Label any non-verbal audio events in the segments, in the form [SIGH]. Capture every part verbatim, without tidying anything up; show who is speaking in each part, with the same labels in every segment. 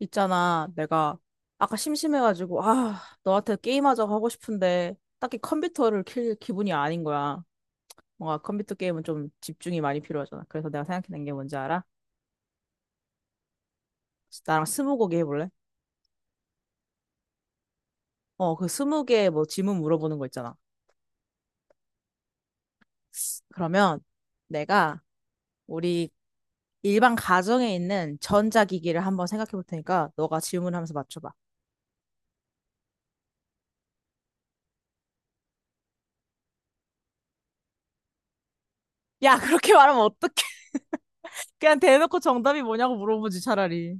Speaker 1: 있잖아, 내가 아까 심심해가지고, 아, 너한테 게임하자고 하고 싶은데, 딱히 컴퓨터를 킬 기분이 아닌 거야. 뭔가 컴퓨터 게임은 좀 집중이 많이 필요하잖아. 그래서 내가 생각해낸 게 뭔지 알아? 나랑 스무고개 해볼래? 어, 그 스무개 뭐 질문 물어보는 거 있잖아. 그러면 내가 우리 일반 가정에 있는 전자기기를 한번 생각해 볼 테니까, 너가 질문하면서 맞춰봐. 야, 그렇게 말하면 어떡해. [LAUGHS] 그냥 대놓고 정답이 뭐냐고 물어보지, 차라리.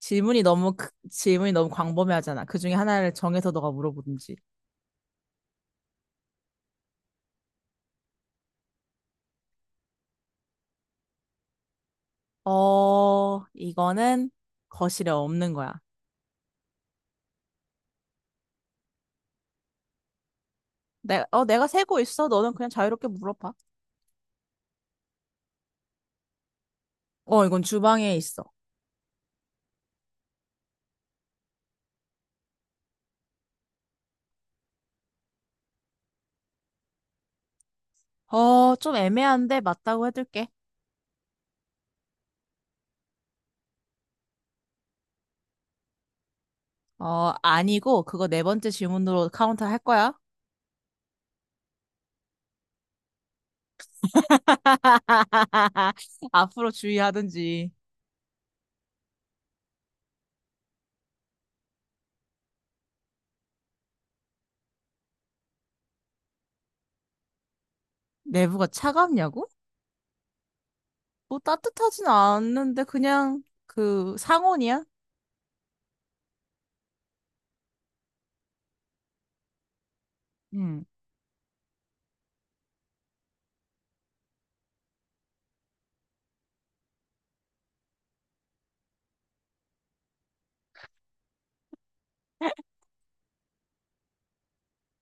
Speaker 1: 질문이 너무 크- 질문이 너무 광범위하잖아. 그 중에 하나를 정해서 너가 물어보든지. 어, 이거는 거실에 없는 거야. 내, 어, 내가 세고 있어. 너는 그냥 자유롭게 물어봐. 어, 이건 주방에 있어. 어, 좀 애매한데 맞다고 해둘게. 어, 아니고 그거 네 번째 질문으로 카운트 할 거야. [LAUGHS] 앞으로 주의하든지. 내부가 차갑냐고? 뭐 따뜻하진 않는데 그냥 그 상온이야? 응.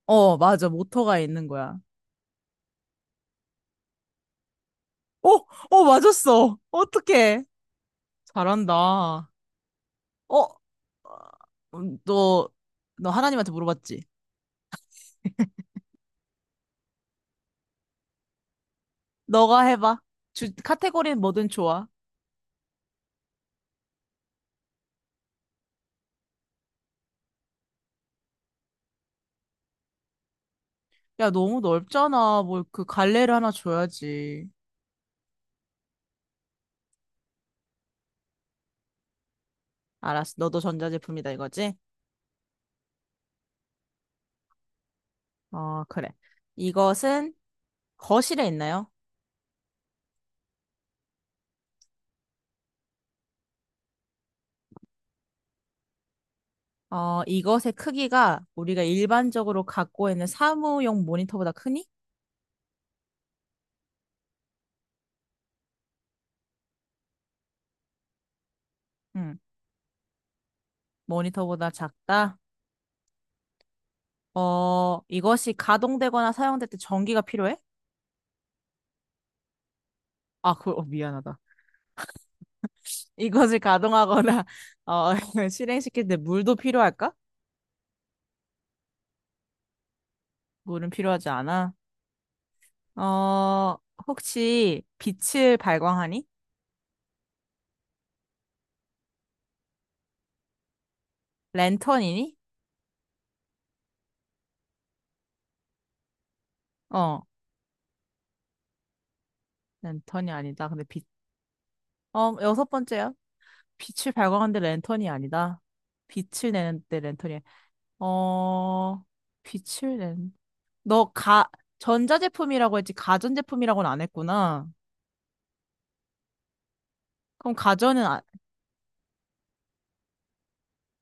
Speaker 1: 어, 맞아. 모터가 있는 거야. 어, 어, 맞았어. 어떡해. 잘한다. 어, 어, 음, 너, 너 하나님한테 물어봤지? 너가 해봐. 주, 카테고리는 뭐든 좋아. 야, 너무 넓잖아. 뭘 그 갈래를 하나 줘야지. 알았어. 너도 전자제품이다 이거지? 어, 그래. 이것은 거실에 있나요? 어, 이것의 크기가 우리가 일반적으로 갖고 있는 사무용 모니터보다 크니? 응. 모니터보다 작다? 어, 이것이 가동되거나 사용될 때 전기가 필요해? 아, 그, 어, 미안하다. 이것을 가동하거나, [LAUGHS] 어, [LAUGHS] 실행시킬 때 물도 필요할까? 물은 필요하지 않아. 어, 혹시 빛을 발광하니? 랜턴이니? 어, 랜턴이 아니다. 근데 빛, 어, 여섯 번째야. 빛을 발광하는데 랜턴이 아니다. 빛을 내는데 랜턴이, 어, 빛을 낸, 너 가, 전자제품이라고 했지, 가전제품이라고는 안 했구나. 그럼 가전은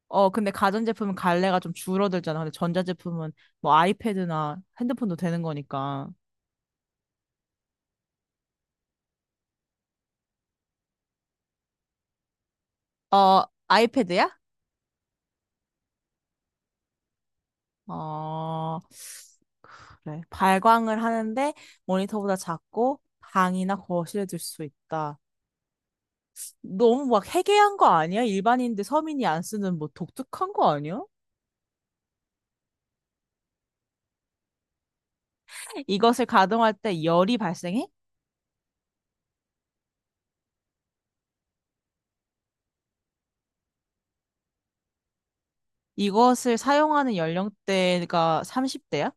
Speaker 1: 어, 근데 가전제품은 갈래가 좀 줄어들잖아. 근데 전자제품은 뭐 아이패드나 핸드폰도 되는 거니까. 어, 아이패드야? 어, 그래. 발광을 하는데 모니터보다 작고 방이나 거실에 둘 수 있다. 너무 막 해괴한 거 아니야? 일반인들 서민이 안 쓰는 뭐 독특한 거 아니야? 이것을 가동할 때 열이 발생해? 이것을 사용하는 연령대가 삼십 대야?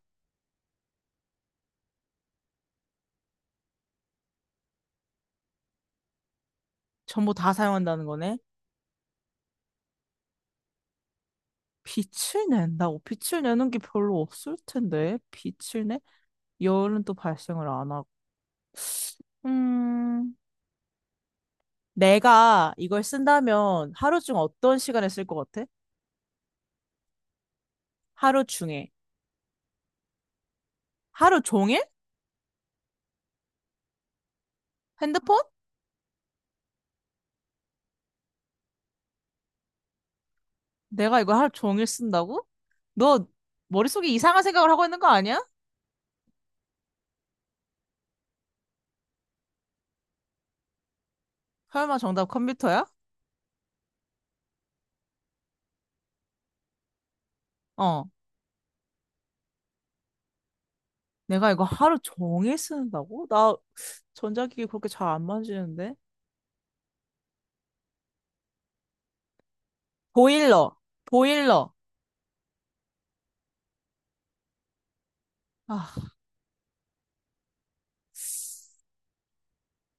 Speaker 1: 전부 다 사용한다는 거네. 빛을 낸다고? 빛을 내는 게 별로 없을 텐데. 빛을 내? 열은 또 발생을 안 하고. 음, 내가 이걸 쓴다면 하루 중 어떤 시간에 쓸 것 같아? 하루 중에. 하루 종일? 핸드폰? 내가 이거 하루 종일 쓴다고? 너 머릿속에 이상한 생각을 하고 있는 거 아니야? 설마 정답 컴퓨터야? 어. 내가 이거 하루 종일 쓰는다고? 나 전자기기 그렇게 잘 안 만지는데. 보일러. 보일러. 아.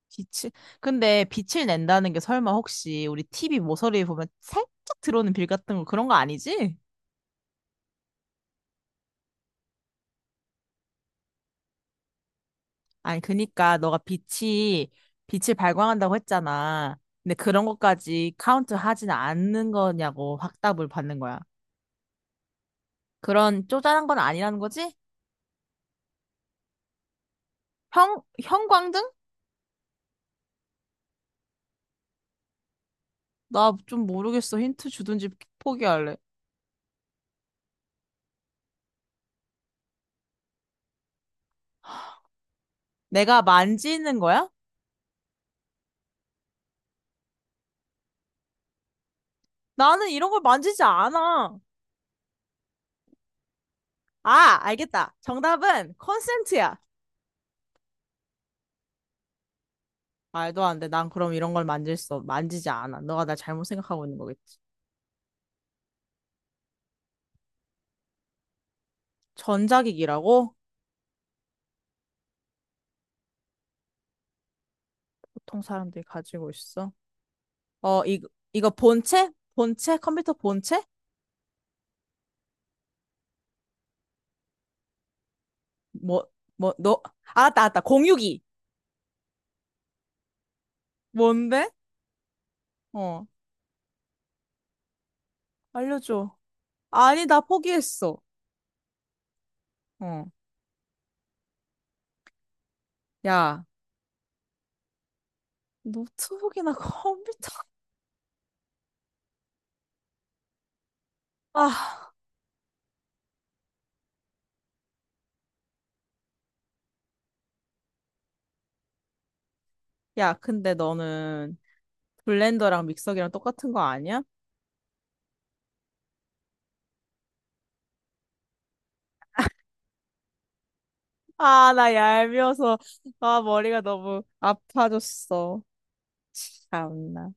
Speaker 1: 빛을 근데 빛을 낸다는 게 설마 혹시 우리 티비 모서리에 보면 살짝 들어오는 빌 같은 거 그런 거 아니지? 아니 그니까 너가 빛이 빛을 발광한다고 했잖아. 근데 그런 것까지 카운트 하진 않는 거냐고 확답을 받는 거야. 그런 쪼잔한 건 아니라는 거지? 형 형광등? 나 좀 모르겠어. 힌트 주든지 포기할래. 내가 만지는 거야? 나는 이런 걸 만지지 않아. 아, 알겠다. 정답은 콘센트야. 말도 안 돼. 난 그럼 이런 걸 만질 수, 없- 만지지 않아. 너가 나 잘못 생각하고 있는 거겠지. 전자기기라고? 보통 사람들이 가지고 있어. 어, 이, 이거 본체? 본체? 컴퓨터 본체? 뭐, 뭐, 너, 알았다, 알았다. 공유기. 뭔데? 어, 알려줘. 아니, 나 포기했어. 어, 야, 노트북이나 [LAUGHS] 컴퓨터. 아, 야, 근데 너는 블렌더랑 믹서기랑 똑같은 거 아니야? 아, 나 얄미워서, 아, 머리가 너무 아파졌어. 참나.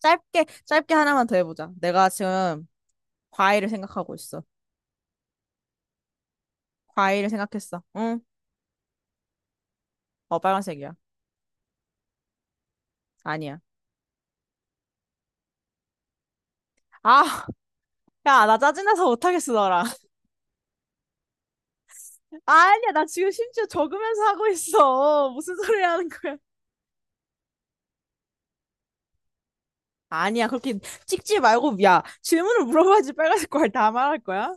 Speaker 1: 짧게, 짧게 하나만 더 해보자. 내가 지금 과일을 생각하고 있어. 과일을 생각했어. 응? 어, 빨간색이야. 아니야. 아, 야, 나 짜증나서 못하겠어, 너랑. [LAUGHS] 아니야, 나 지금 심지어 적으면서 하고 있어. 무슨 소리 하는 거야? 아니야, 그렇게 찍지 말고, 야, 질문을 물어봐야지 빨간색 과일 다 말할 거야?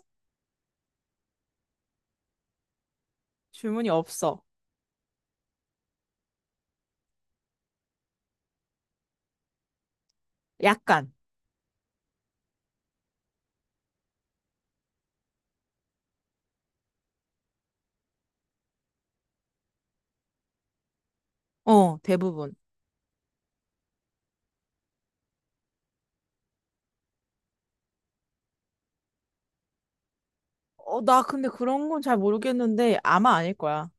Speaker 1: 질문이 없어. 약간. 어, 대부분. 어, 나 근데 그런 건 잘 모르겠는데, 아마 아닐 거야.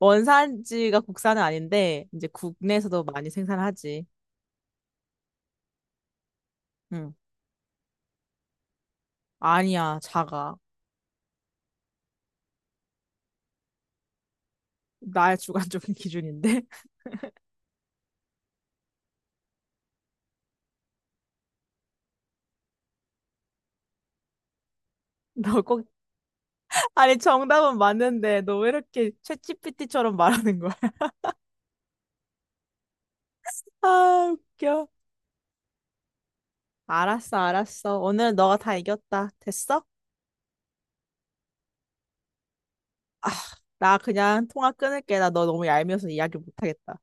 Speaker 1: 원산지가 국산은 아닌데 이제 국내에서도 많이 생산하지. 응. 아니야, 작아. 나의 주관적인 [LAUGHS] 기준인데. [LAUGHS] 너 꼭, 아니 정답은 맞는데 너 왜 이렇게 챗지피티처럼 말하는 거야? [LAUGHS] 아, 웃겨. 알았어, 알았어. 오늘 너가 다 이겼다. 됐어? 아, 나 그냥 통화 끊을게. 나 너 너무 얄미워서 이야기 못하겠다.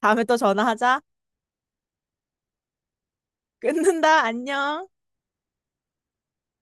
Speaker 1: 다음에 또 전화하자. 끊는다. 안녕.